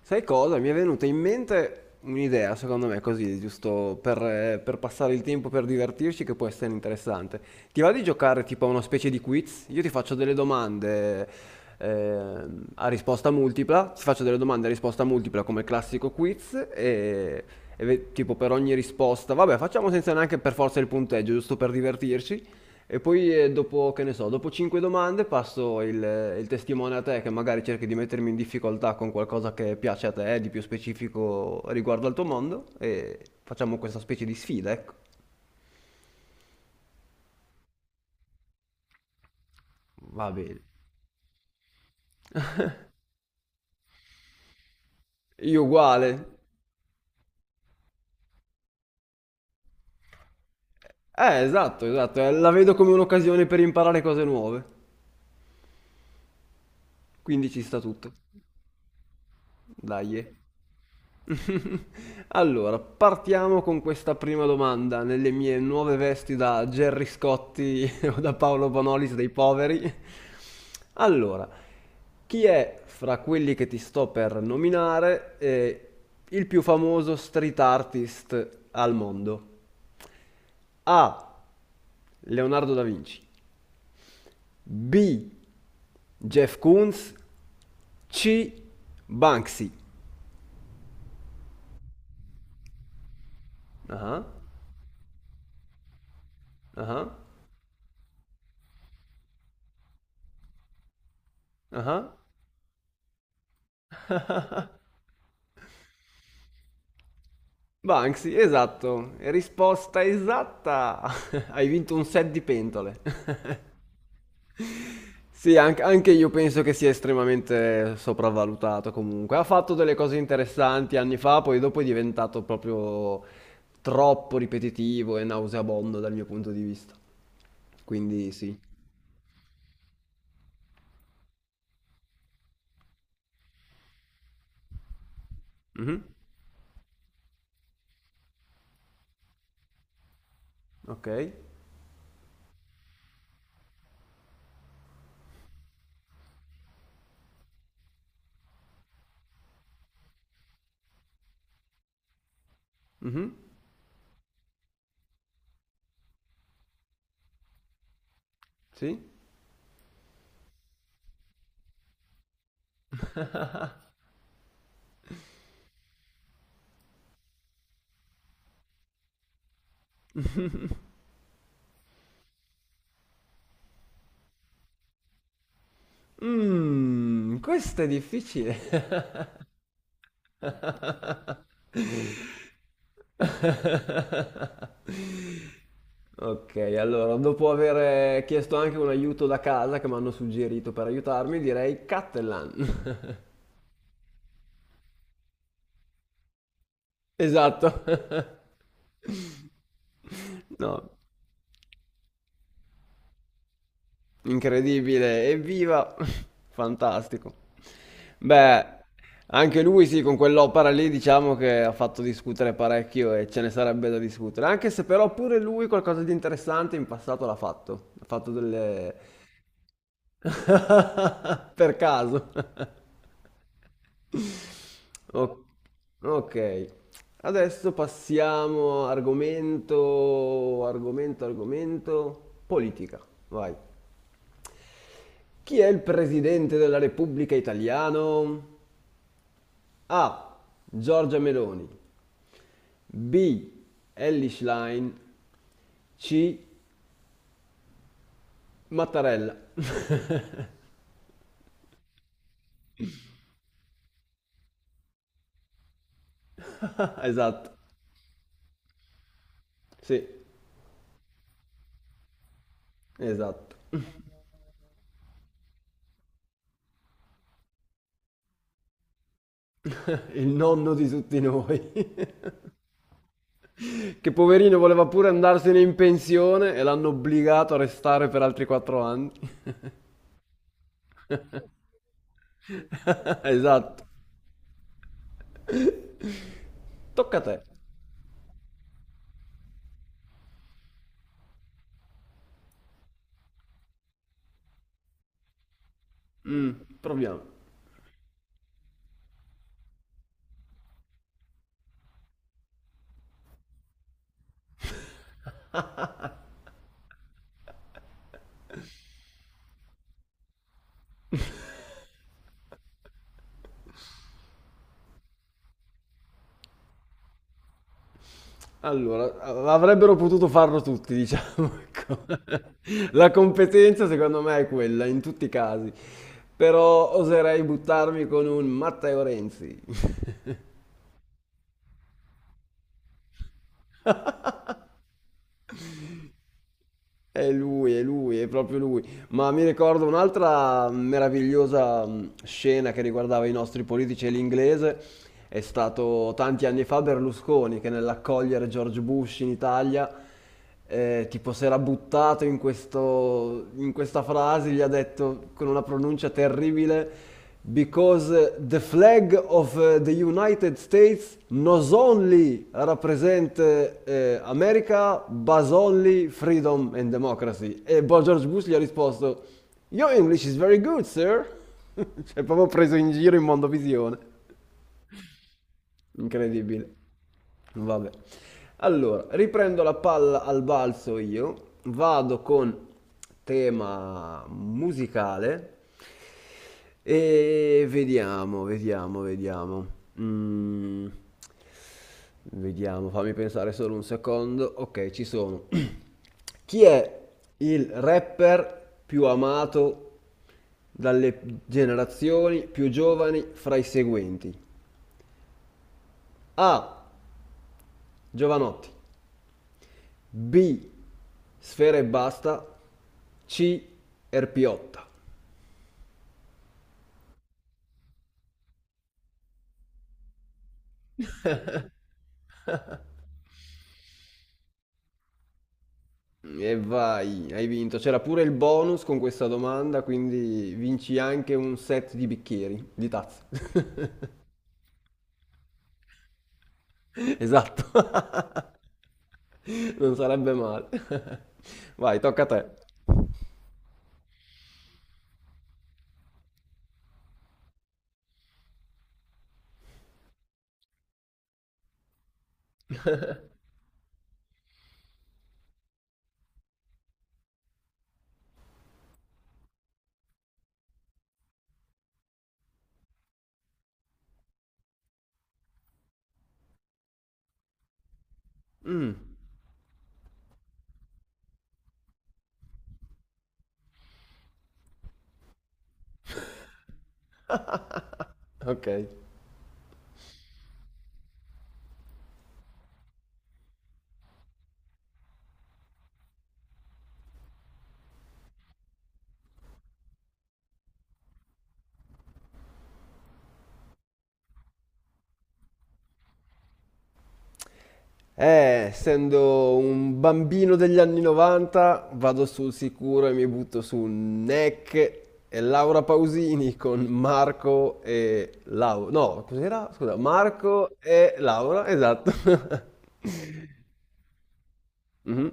Sai cosa? Mi è venuta in mente un'idea, secondo me, così, giusto per passare il tempo, per divertirci, che può essere interessante. Ti va di giocare tipo a una specie di quiz? Io ti faccio delle domande a risposta multipla, ti faccio delle domande a risposta multipla come il classico quiz tipo per ogni risposta, vabbè, facciamo senza neanche per forza il punteggio, giusto per divertirci. E poi dopo, che ne so, dopo 5 domande passo il testimone a te che magari cerchi di mettermi in difficoltà con qualcosa che piace a te, di più specifico riguardo al tuo mondo e facciamo questa specie di sfida, ecco. Va bene. Io uguale. Esatto, esatto, la vedo come un'occasione per imparare cose nuove. Quindi ci sta tutto. Dai. Allora, partiamo con questa prima domanda nelle mie nuove vesti da Gerry Scotti o da Paolo Bonolis dei poveri. Allora, chi è fra quelli che ti sto per nominare il più famoso street artist al mondo? A. Leonardo da Vinci. B. Jeff Koons. C. Banksy. Ah, ah, ah. Banksy, esatto, risposta esatta. Hai vinto un set di pentole. Sì, anche, anche io penso che sia estremamente sopravvalutato comunque. Ha fatto delle cose interessanti anni fa, poi dopo è diventato proprio troppo ripetitivo e nauseabondo dal mio punto di vista. Quindi sì. Mhm. Ok. Mhm. Sì. Mmm, questo è difficile. Ok, allora, dopo aver chiesto anche un aiuto da casa che mi hanno suggerito per aiutarmi, direi Cattelan. Esatto. No. Incredibile, evviva! Fantastico. Beh, anche lui sì, con quell'opera lì diciamo che ha fatto discutere parecchio e ce ne sarebbe da discutere, anche se però pure lui qualcosa di interessante in passato l'ha fatto, ha fatto delle... per caso. O- ok, adesso passiamo argomento, argomento, argomento, politica, vai. Chi è il presidente della Repubblica italiano? A. Giorgia Meloni. B. Elly Schlein. C. Mattarella. Ah, esatto, sì, esatto. Il nonno di tutti noi. Che poverino voleva pure andarsene in pensione e l'hanno obbligato a restare per altri 4 anni. Esatto. Tocca a te. Mm, proviamo. Allora, a avrebbero potuto farlo tutti, diciamo, ecco. La competenza secondo me è quella, in tutti i casi. Però oserei buttarmi con un Matteo Renzi. È lui, è lui, è proprio lui. Ma mi ricordo un'altra meravigliosa scena che riguardava i nostri politici e l'inglese. È stato tanti anni fa Berlusconi che nell'accogliere George Bush in Italia, tipo si era buttato in in questa frase, gli ha detto con una pronuncia terribile, because the flag of the United States not only represent America, but only freedom and democracy. E Bob George Bush gli ha risposto, your English is very good, sir. cioè, proprio preso in giro in mondovisione. Incredibile. Vabbè. Allora, riprendo la palla al balzo io, vado con tema musicale e vediamo, vediamo, vediamo. Mm, vediamo, fammi pensare solo un secondo. Ok, ci sono. Chi è il rapper più amato dalle generazioni più giovani fra i seguenti? A. Giovanotti. B. Sfera e basta. C. Erpiotta. E vai, hai vinto. C'era pure il bonus con questa domanda, quindi vinci anche un set di bicchieri, di tazze. Esatto. Non sarebbe male. Vai, tocca a te. Mm, ok. Essendo un bambino degli anni 90, vado sul sicuro e mi butto su Neck e Laura Pausini con Marco e Laura. No, cos'era? Scusa, Marco e Laura, esatto. Mhm,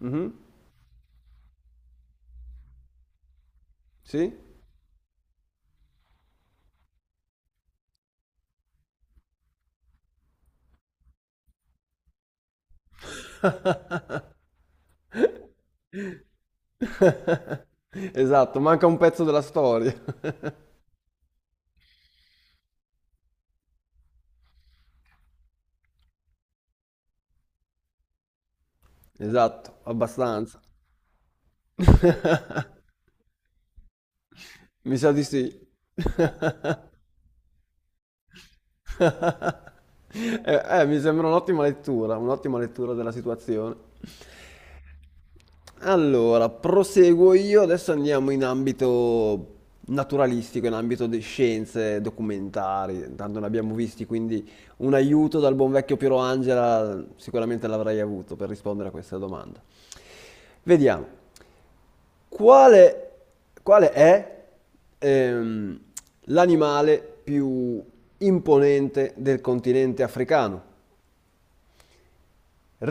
mhm, sì? Esatto, manca un pezzo della storia. Esatto, abbastanza. Mi sa di sì. Mi sembra un'ottima lettura della situazione. Allora, proseguo io, adesso andiamo in ambito naturalistico, in ambito di scienze documentari, tanto ne abbiamo visti, quindi un aiuto dal buon vecchio Piero Angela sicuramente l'avrei avuto per rispondere a questa domanda. Vediamo, quale, quale è ehm, l'animale più imponente del continente africano?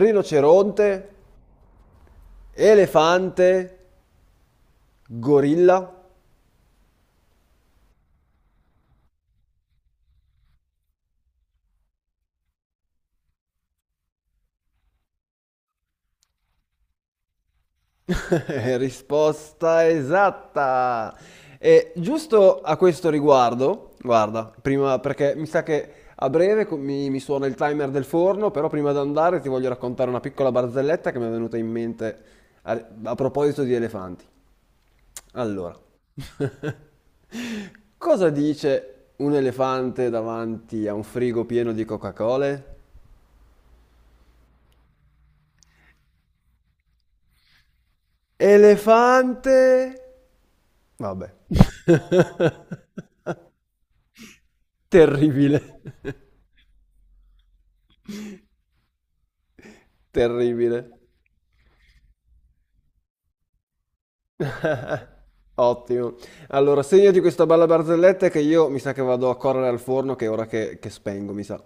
Rinoceronte, elefante, gorilla? Risposta esatta! E giusto a questo riguardo, guarda, prima perché mi sa che a breve mi, mi suona il timer del forno, però prima di andare ti voglio raccontare una piccola barzelletta che mi è venuta in mente a, a proposito di elefanti. Allora, cosa dice un elefante davanti a un frigo pieno di Coca-Cola? Elefante. Vabbè. Terribile. Terribile. Ottimo. Allora, segnati questa bella barzelletta che io mi sa che vado a correre al forno che è ora che spengo, mi sa.